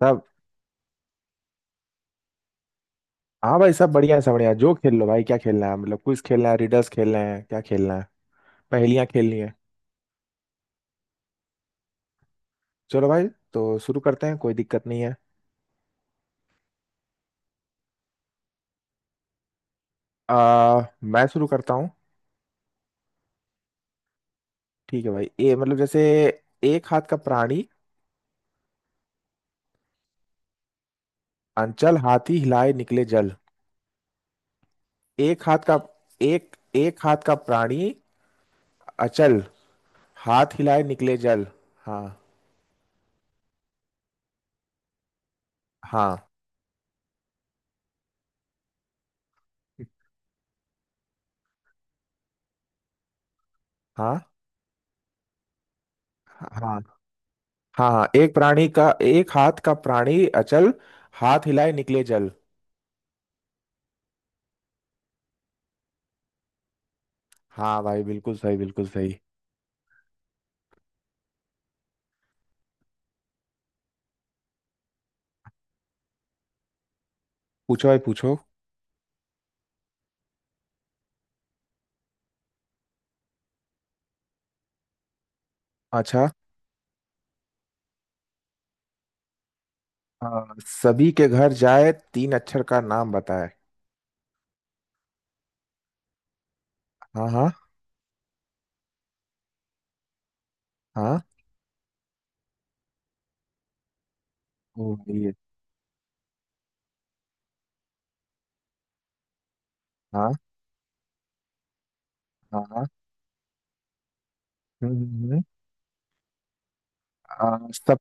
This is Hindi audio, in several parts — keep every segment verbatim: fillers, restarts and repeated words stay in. सब हाँ भाई, सब बढ़िया है, सब बढ़िया है। जो खेल लो भाई, क्या खेलना है? मतलब क्विज खेलना है, रिडल्स खेलना है, क्या खेलना है? पहेलियाँ खेलनी है। चलो भाई, तो शुरू करते हैं, कोई दिक्कत नहीं है। आ, मैं शुरू करता हूँ। ठीक है भाई। ए मतलब जैसे, एक हाथ का प्राणी अंचल, हाथी हिलाए निकले जल। एक हाथ का एक एक हाथ का प्राणी अचल, हाथ हिलाए निकले जल। हाँ हाँ। हाँ हाँ हाँ हाँ। एक प्राणी का एक हाथ का प्राणी अचल, हाथ हिलाए निकले जल। हाँ भाई, बिल्कुल सही, बिल्कुल सही। पूछो भाई पूछो। अच्छा। आ, सभी के घर जाए, तीन अक्षर का नाम बताए। हाँ हाँ हाँ। ओ भाई ये। हाँ हाँ हाँ। हम्म हम्म, हम्म। आ, सब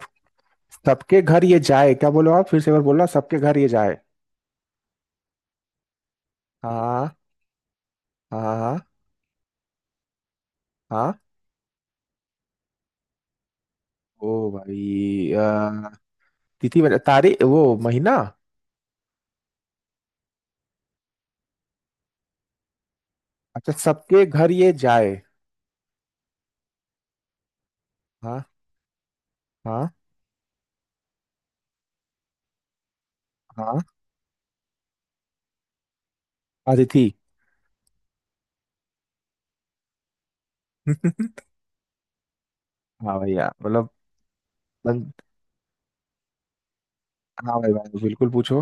सबके घर ये जाए, क्या बोलो? आप फिर से एक बार बोलना, सबके घर ये जाए। हाँ हाँ हाँ हाँ। हाँ। ओ भाई, आ, तिथि बता- तारीख वो महीना। अच्छा, सबके घर ये जाए। हाँ हाँ हाँ। अतिथि। हाँ भैया, मतलब। बन- हाँ भाई भाई, बिल्कुल पूछो।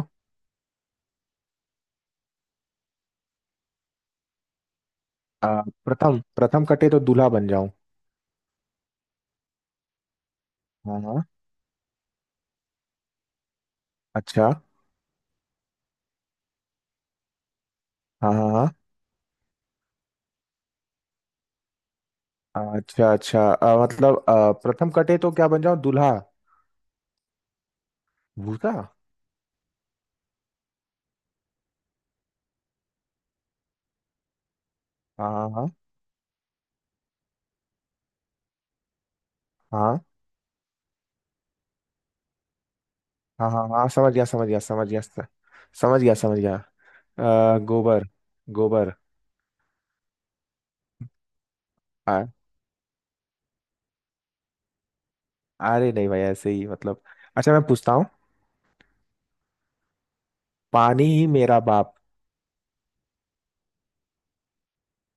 आ, प्रथम प्रथम कटे तो दूल्हा बन जाऊं। हाँ हाँ। अच्छा। हाँ हाँ हाँ। आ, अच्छा अच्छा, आ, मतलब आ, प्रथम कटे तो क्या बन जाऊं? दूल्हा? भूसा। हाँ हाँ हाँ हाँ हाँ हाँ हाँ, समझ गया समझ गया समझ गया स- समझ गया समझ गया। आ, गोबर। गोबर। आ, अरे नहीं भाई, ऐसे ही मतलब। अच्छा, मैं पूछता हूँ। पानी ही मेरा बाप।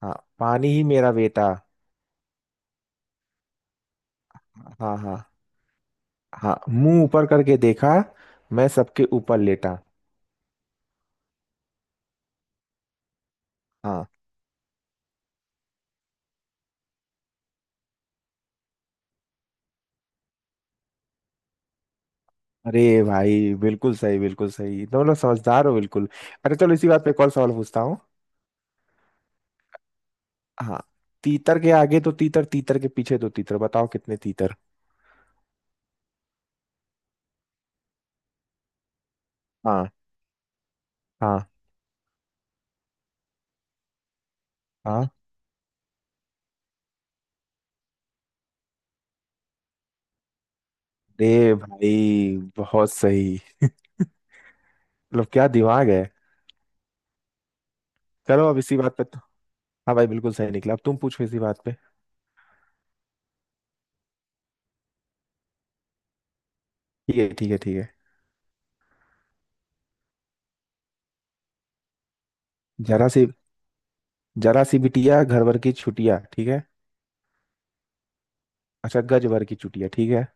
हाँ, पानी ही मेरा बेटा। हाँ हाँ हाँ। मुंह ऊपर करके देखा, मैं सबके ऊपर लेटा। हाँ। अरे भाई, बिल्कुल सही, बिल्कुल सही, तुम लोग समझदार हो बिल्कुल। अरे चलो, इसी बात पे एक और सवाल पूछता हूँ। हाँ। तीतर के आगे तो तीतर, तीतर के पीछे तो तीतर, बताओ कितने तीतर? हाँ हाँ हाँ। अरे भाई बहुत सही, मतलब क्या दिमाग है। चलो, अब इसी बात पे तो। हाँ भाई, बिल्कुल सही निकला, अब तुम पूछो इसी बात पे। ठीक है ठीक है ठीक है। जरा सी जरा सी बिटिया, घर भर की छुटिया, ठीक है। अच्छा, गज भर की छुटिया, ठीक है।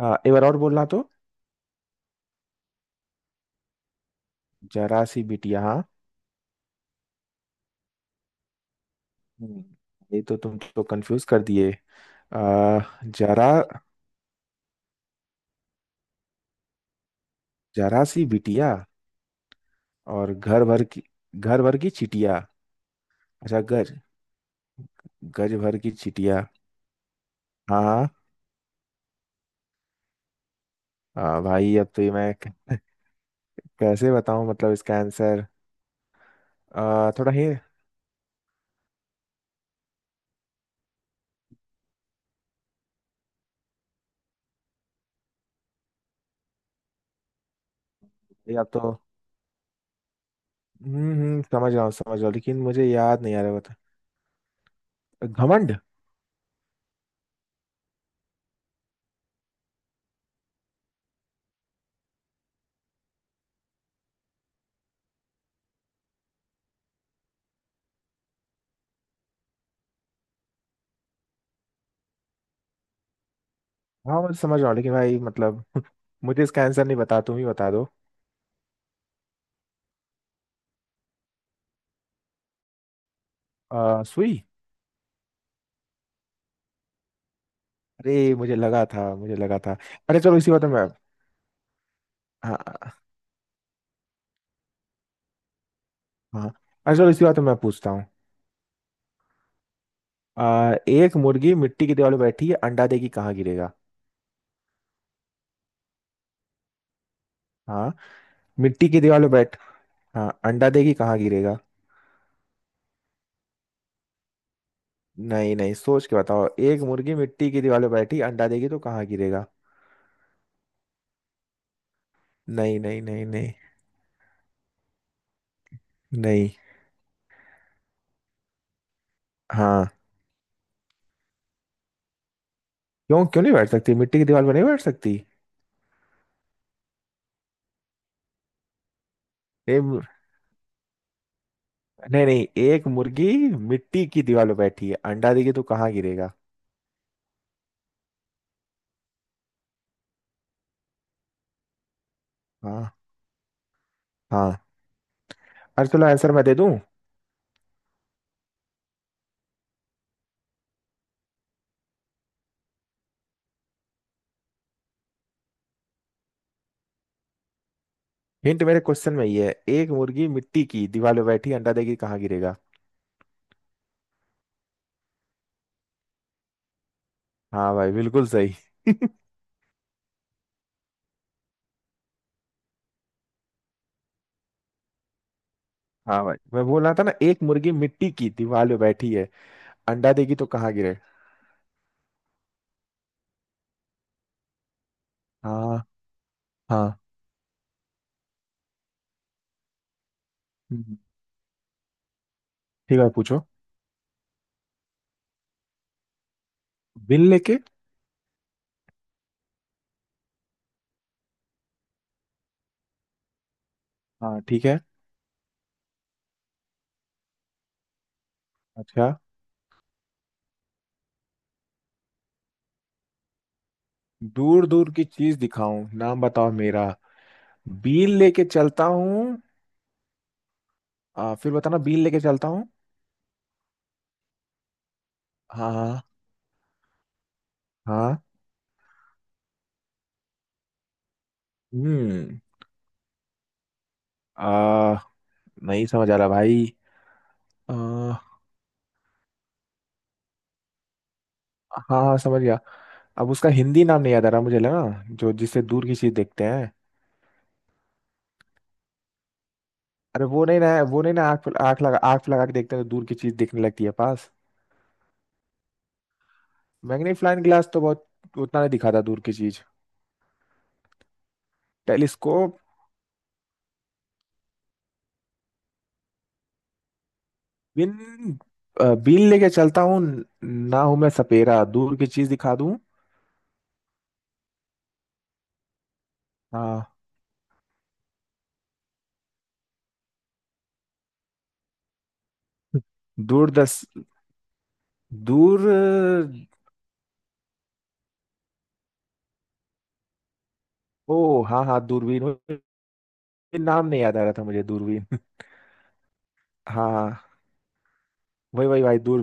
आ, एक बार और बोलना तो। जरा सी बिटिया, हाँ। हम्म, ये तो तुम तो कंफ्यूज कर दिए। आ, जरा जरा सी बिटिया और घर भर की, घर भर की चिटिया। अच्छा गज गज भर की चिटिया। हाँ। आ, भाई अब तो ये मैं क- कैसे बताऊं मतलब इसका आंसर। आ, थोड़ा ही। या तो। हम्म हम्म, समझ रहा हूँ समझ रहा हूँ, लेकिन मुझे याद नहीं आ रहा, बता। घमंड। हाँ, मैं समझ रहा हूँ लेकिन भाई मतलब मुझे इसका आंसर नहीं, बता तुम ही बता दो। आ, सुई। अरे मुझे लगा था, मुझे लगा था। अरे चलो, इसी बात में मैं। हाँ हाँ। अरे चलो, इसी बात में मैं पूछता हूँ। आ, एक मुर्गी मिट्टी की दीवार पे बैठी है, अंडा देगी कहाँ गिरेगा? हाँ, मिट्टी की दीवार पे बैठ। हाँ, अंडा देगी कहाँ गिरेगा? नहीं नहीं, सोच के बताओ, एक मुर्गी मिट्टी की दीवार पे बैठी, अंडा देगी तो कहाँ गिरेगा? नहीं नहीं नहीं नहीं। नहीं। हाँ। क्यों, क्यों नहीं बैठ सकती? मिट्टी की दीवार पर नहीं बैठ सकती? ए, मु- नहीं नहीं, एक मुर्गी मिट्टी की दीवार पे बैठी है, अंडा देगी तो कहाँ गिरेगा? हाँ हाँ। अरे चलो, आंसर मैं दे दूं। हिंट मेरे क्वेश्चन में ही है, एक मुर्गी मिट्टी की दीवार पे बैठी, अंडा देगी कहाँ गिरेगा? हाँ भाई, बिल्कुल सही। हाँ भाई, मैं बोल रहा था ना, एक मुर्गी मिट्टी की दीवार पे बैठी है, अंडा देगी तो कहाँ गिरे? हाँ हाँ। हम्म, ठीक है पूछो। बिल लेके। हाँ, ठीक है। अच्छा। दूर दूर की चीज दिखाऊं, नाम बताओ मेरा? बिल लेके चलता हूँ। आ, फिर बताना, बिल लेके चलता हूँ। हाँ हाँ हाँ। हम्म। आ। नहीं समझ आ रहा भाई। आ, हाँ। हाँ, समझ गया। अब उसका हिंदी नाम नहीं याद आ रहा, मुझे लगा जो जिससे दूर की चीज देखते हैं। अरे वो नहीं ना, वो नहीं ना, आँख आँख लगा, आँख लगा के देखते हैं तो दूर की चीज दिखने लगती है पास। मैग्नीफाइंग ग्लास तो बहुत उतना नहीं दिखाता दूर की चीज। टेलीस्कोप। बिन। अ, बीन लेके चलता हूँ, ना हूं मैं सपेरा, दूर की चीज दिखा दूं। हाँ। दूर दस दूर। ओ हाँ हाँ, दूरबीन वो- नाम नहीं याद आ रहा था मुझे, दूरबीन। हाँ हाँ, वही वही भाई दूर।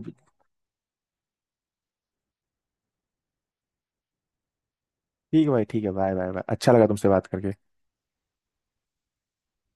ठीक है भाई, ठीक है, बाय बाय बाय, अच्छा लगा तुमसे बात करके।